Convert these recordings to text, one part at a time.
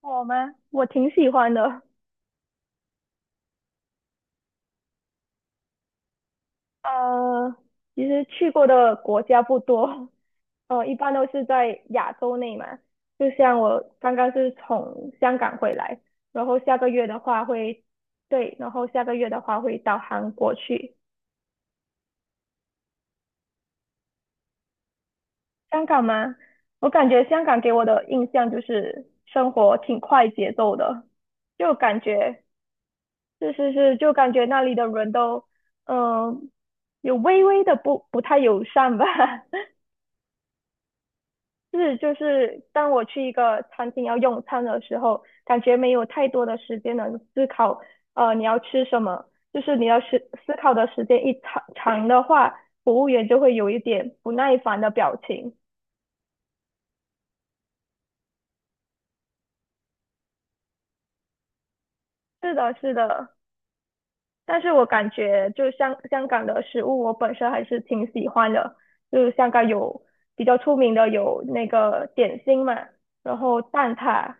我吗？我挺喜欢的。呃，其实去过的国家不多，一般都是在亚洲内嘛。就像我刚刚是从香港回来，然后下个月的话会，对，然后下个月的话会到韩国去。香港吗？我感觉香港给我的印象就是生活挺快节奏的，就感觉是是是，就感觉那里的人都，嗯、有微微的不太友善吧。是，就是当我去一个餐厅要用餐的时候，感觉没有太多的时间能思考，你要吃什么。就是你要思考的时间一长的话，服务员就会有一点不耐烦的表情。是的，是的。但是我感觉就香港的食物，我本身还是挺喜欢的。就是香港有比较出名的有那个点心嘛，然后蛋挞，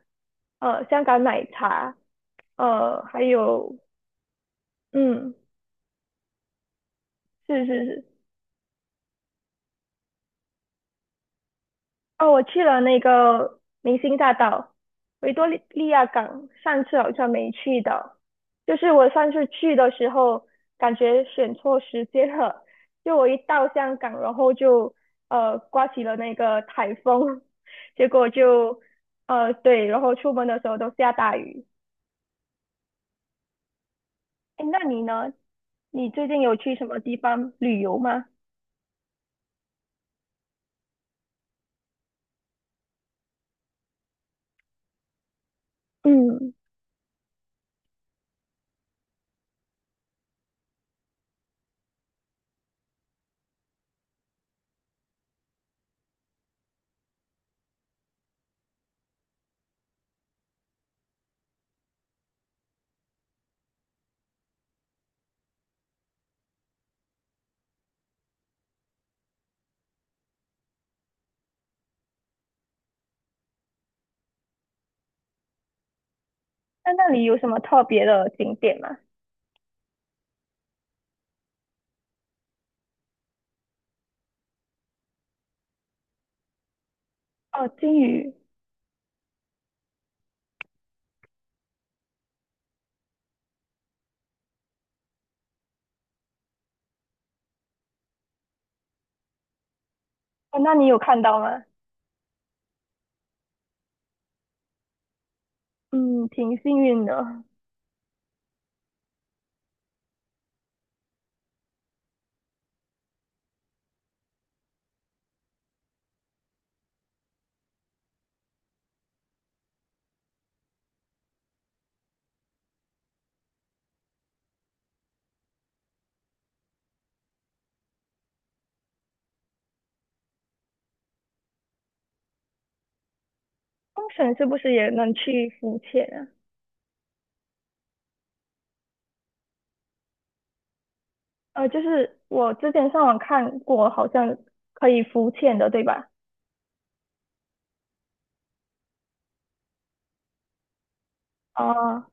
香港奶茶，还有嗯。是是是，哦，我去了那个明星大道、维多利亚港，上次好像没去到。就是我上次去的时候，感觉选错时间了。就我一到香港，然后就刮起了那个台风，结果就对，然后出门的时候都下大雨。哎，那你呢？你最近有去什么地方旅游吗？嗯，那那里有什么特别的景点吗？哦，金鱼，哦，那你有看到吗？嗯，挺幸运的。东绳是不是也能去浮潜啊？就是我之前上网看过，好像可以浮潜的，对吧？啊、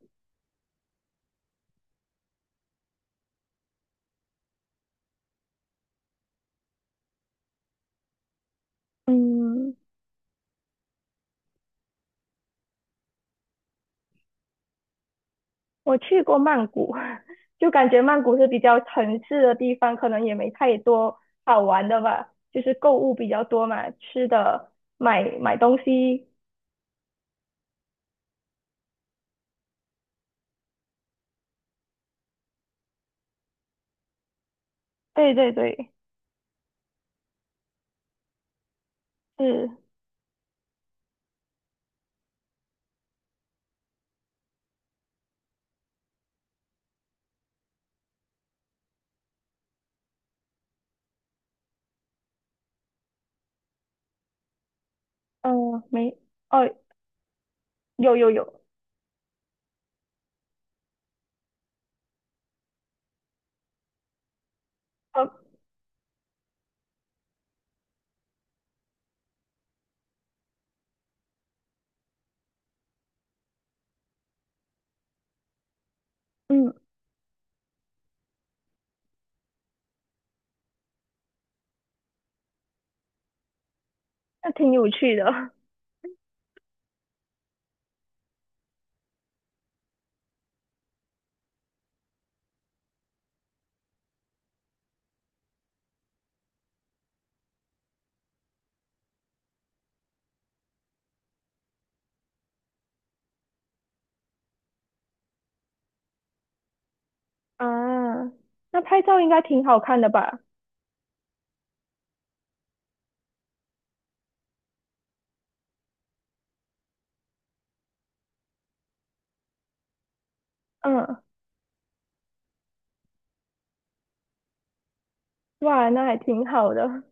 嗯，我去过曼谷，就感觉曼谷是比较城市的地方，可能也没太多好玩的吧，就是购物比较多嘛，吃的、买东西。对对对，是，嗯、没，哦，有有有，呃，嗯，那挺有趣的。啊，那拍照应该挺好看的吧？嗯，哇，那还挺好的。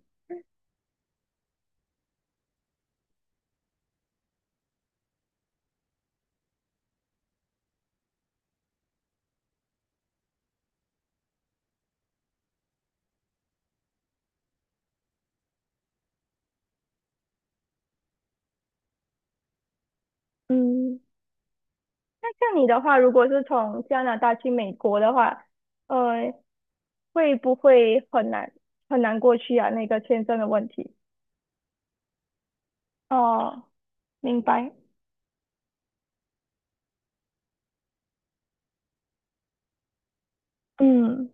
嗯，那像你的话，如果是从加拿大去美国的话，呃，会不会很难过去啊？那个签证的问题。哦，明白。嗯，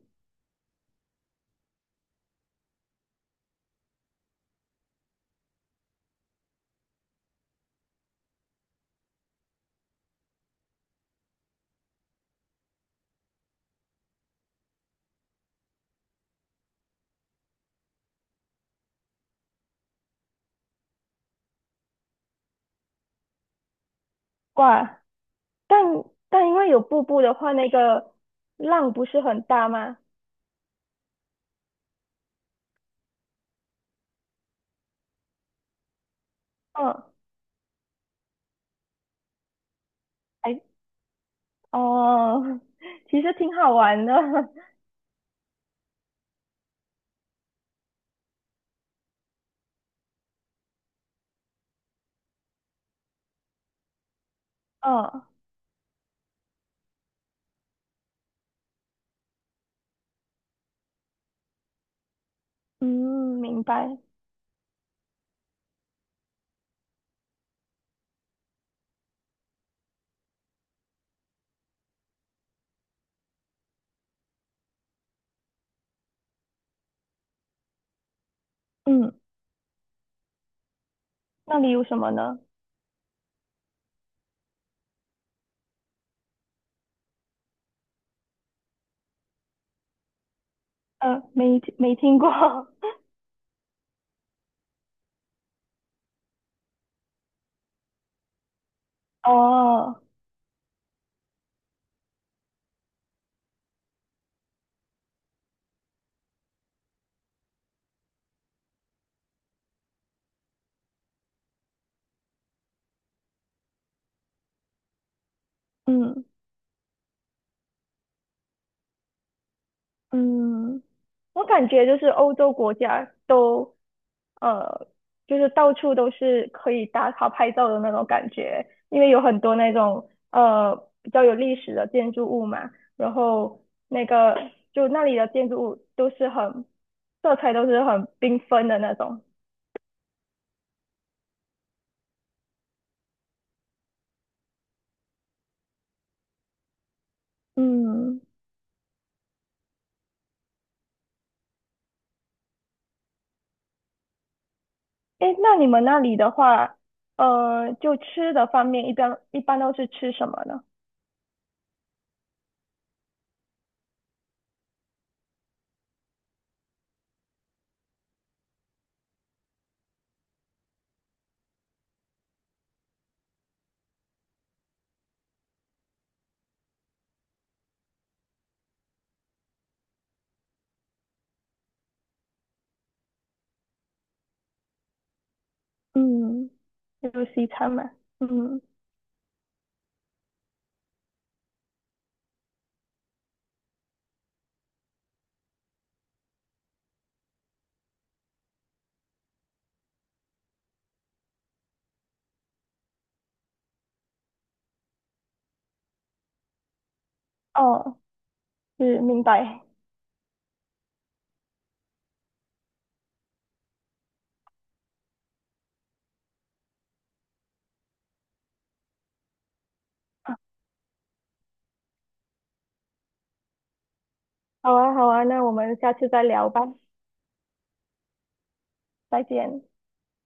哇，但因为有瀑布的话，那个浪不是很大吗？嗯，哎，哦，其实挺好玩的。哦，嗯，明白。嗯。那里有什么呢？没听过。哦，嗯嗯，我感觉就是欧洲国家都，呃，就是到处都是可以打卡拍照的那种感觉，因为有很多那种比较有历史的建筑物嘛，然后那个就那里的建筑物都是很色彩都是很缤纷的那种。嗯。哎，那你们那里的话，就吃的方面，一般都是吃什么呢？嗯，就西餐嘛。嗯，哦，是，明白。好啊，好啊，那我们下次再聊吧，再见。